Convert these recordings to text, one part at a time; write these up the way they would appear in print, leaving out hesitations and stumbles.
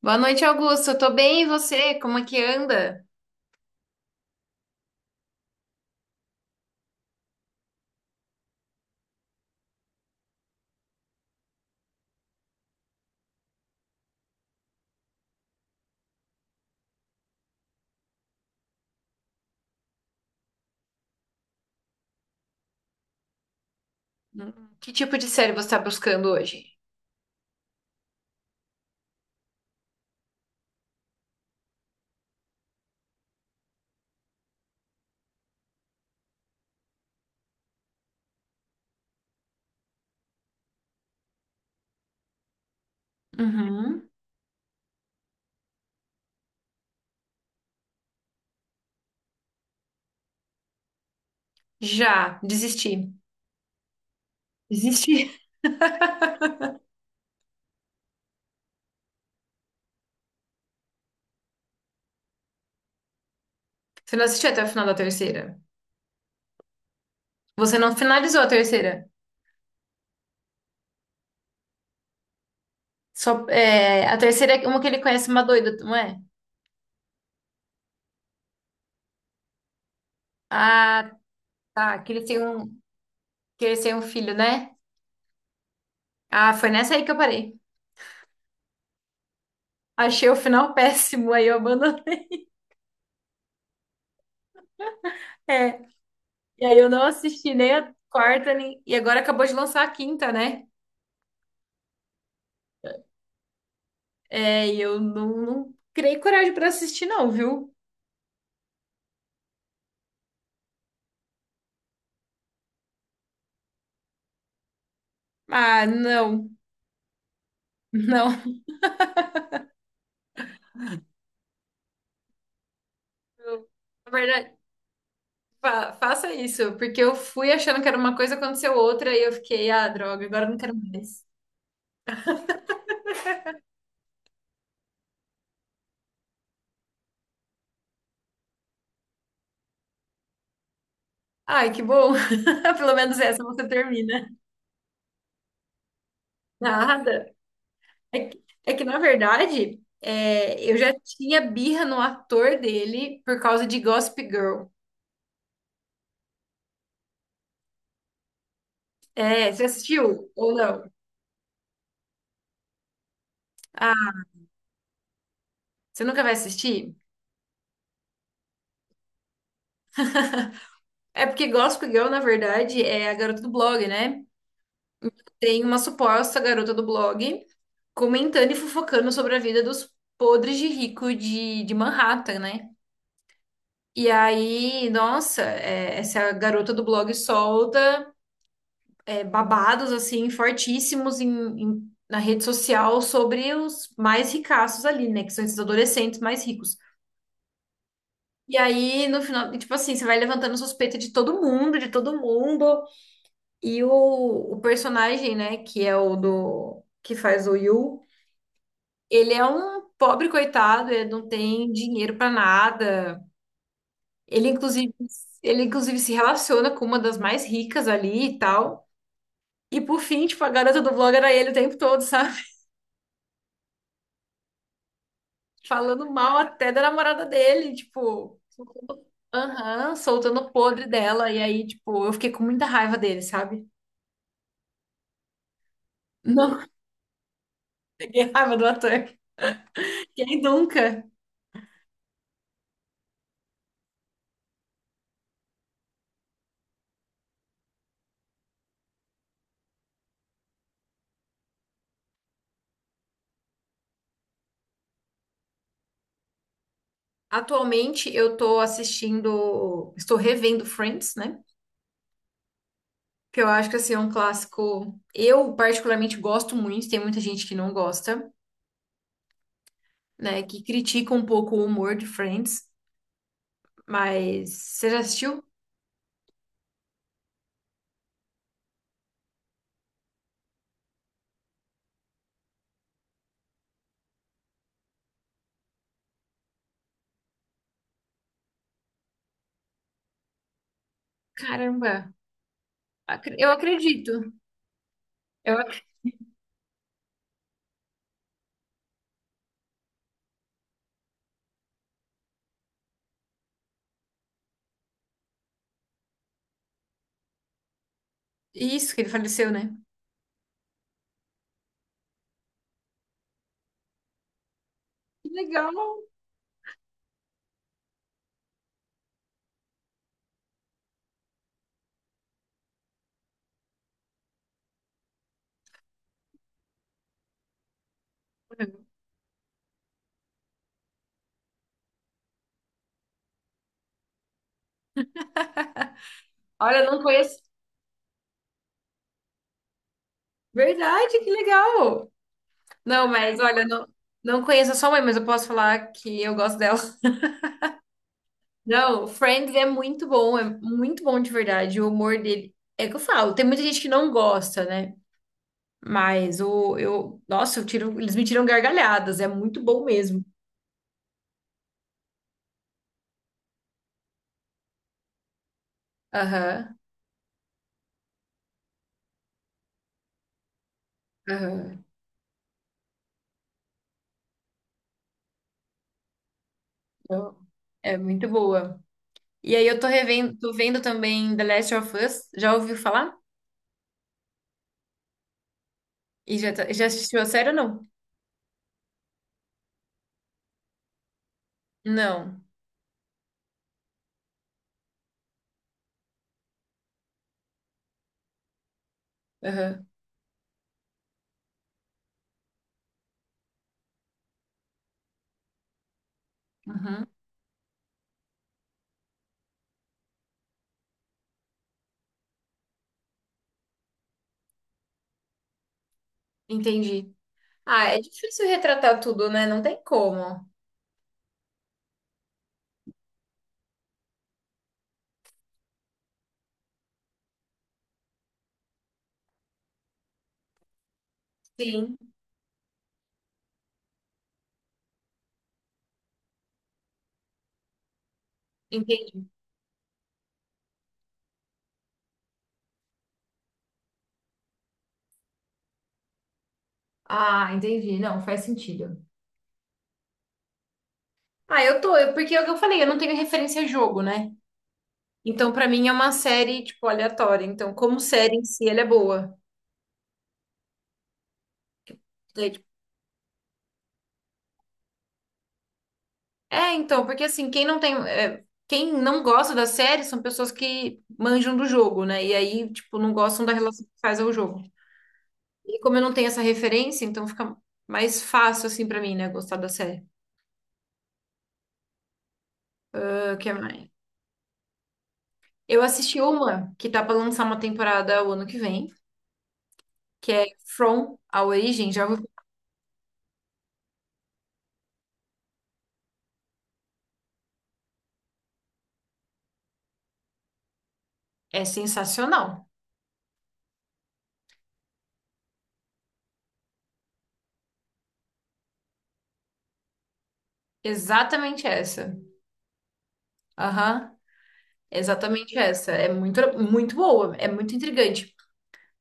Boa noite, Augusto. Eu tô bem, e você? Como é que anda? Hum, Que tipo de série você tá buscando hoje? Uhum. Já, desisti. Desisti. Você não assistiu até o final da terceira? Você não finalizou a terceira? Só, é, a terceira é uma que ele conhece uma doida, não é? Ah, tá. Que ele tem um filho, né? Ah, foi nessa aí que eu parei. Achei o final péssimo, aí eu abandonei. É. E aí eu não assisti nem a quarta, nem e agora acabou de lançar a quinta, né? É, e eu não criei coragem pra assistir, não, viu? Ah, não, não. Eu- Na verdade, faça isso, porque eu fui achando que era uma coisa, aconteceu outra, e eu fiquei, ah, droga, agora eu não quero mais. Ai, que bom. Pelo menos essa você termina. Nada. É que na verdade, é, eu já tinha birra no ator dele por causa de Gossip Girl. É, você assistiu ou não? Ah, você nunca vai assistir? É porque Gossip Girl, na verdade, é a garota do blog, né? Tem uma suposta garota do blog comentando e fofocando sobre a vida dos podres de rico de Manhattan, né? E aí, nossa, é, essa garota do blog solta, é, babados, assim, fortíssimos na rede social sobre os mais ricaços ali, né? Que são esses adolescentes mais ricos. E aí, no final, tipo assim, você vai levantando suspeita de todo mundo, de todo mundo. E o personagem, né, que é o do que faz o Yu. Ele é um pobre coitado, ele não tem dinheiro pra nada. Ele inclusive, ele inclusive se relaciona com uma das mais ricas ali e tal. E por fim, tipo, a garota do blog era ele o tempo todo, sabe? Falando mal até da namorada dele, tipo, aham, soltando o podre dela. E aí, tipo, eu fiquei com muita raiva dele, sabe? Não, fiquei raiva do ator. Quem nunca? Atualmente eu tô assistindo, estou revendo Friends, né? Que eu acho que assim, é um clássico. Eu particularmente gosto muito, tem muita gente que não gosta, né? Que critica um pouco o humor de Friends, mas você já assistiu? Caramba, eu acredito. Eu ac- Isso, que ele faleceu, né? Que legal! Olha, eu não conheço. Verdade, que legal! Não, mas olha, não, não conheço a sua mãe, mas eu posso falar que eu gosto dela. Não, Friends é muito bom de verdade. O humor dele. É o que eu falo, tem muita gente que não gosta, né? Mas o, eu, nossa, eles me tiram gargalhadas, é muito bom mesmo. Aham, aham. Eu- É muito boa. E aí eu tô revendo, tô vendo também The Last of Us, já ouviu falar? E já, já assistiu a série ou não? Não. Aham. Uhum. Entendi. Ah, é difícil retratar tudo, né? Não tem como. Sim, entendi. Ah, entendi. Não, faz sentido. Ah, eu tô, porque é o que eu falei, eu não tenho referência a jogo, né? Então, pra mim é uma série, tipo, aleatória. Então, como série em si, ela é boa. Daí, tipo, é, então, porque assim, quem não tem, é, quem não gosta da série são pessoas que manjam do jogo, né? E aí, tipo, não gostam da relação que faz ao jogo. E como eu não tenho essa referência, então fica mais fácil assim pra mim, né, gostar da série. Ah, o que mais? Eu assisti uma que tá pra lançar uma temporada o ano que vem, que é From a Origem, já é sensacional. Exatamente essa. Aham. É exatamente essa. É muito, muito boa, é muito intrigante.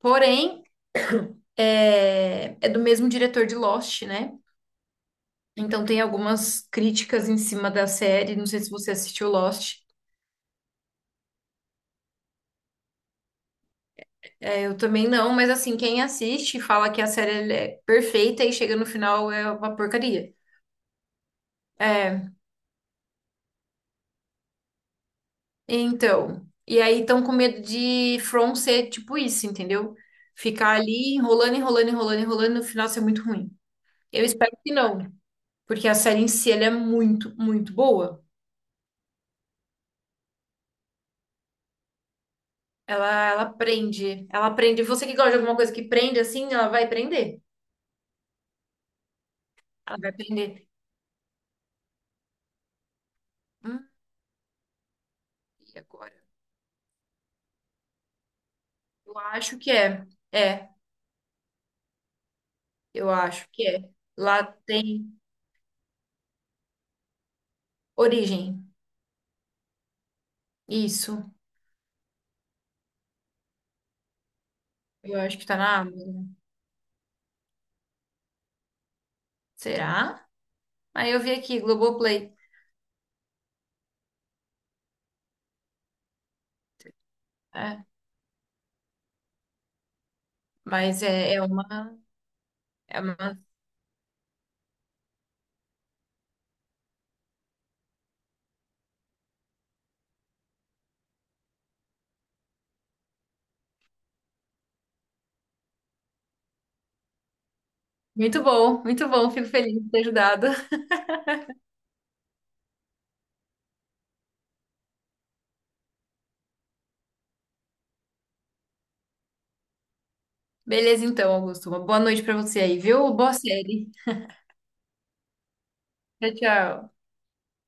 Porém, é, é do mesmo diretor de Lost, né? Então tem algumas críticas em cima da série. Não sei se você assistiu Lost. É, eu também não, mas assim, quem assiste fala que a série ela é perfeita e chega no final é uma porcaria. É, então. E aí estão com medo de From ser tipo isso, entendeu? Ficar ali enrolando, enrolando, enrolando, enrolando, no final ser muito ruim. Eu espero que não. Porque a série em si, ela é muito, muito boa. Ela prende. Ela prende. Você que gosta de alguma coisa que prende assim, ela vai prender. Ela vai prender. Hum, e agora? Eu acho que é. É, eu acho que é. Lá tem origem. Isso. Eu acho que tá na Amazon. Será? Aí eu vi aqui, Globoplay. É, mas é uma, é uma. Muito bom, muito bom. Fico feliz de ter ajudado. Beleza, então, Augusto. Uma boa noite pra você aí, viu? Boa série. Tchau, tchau.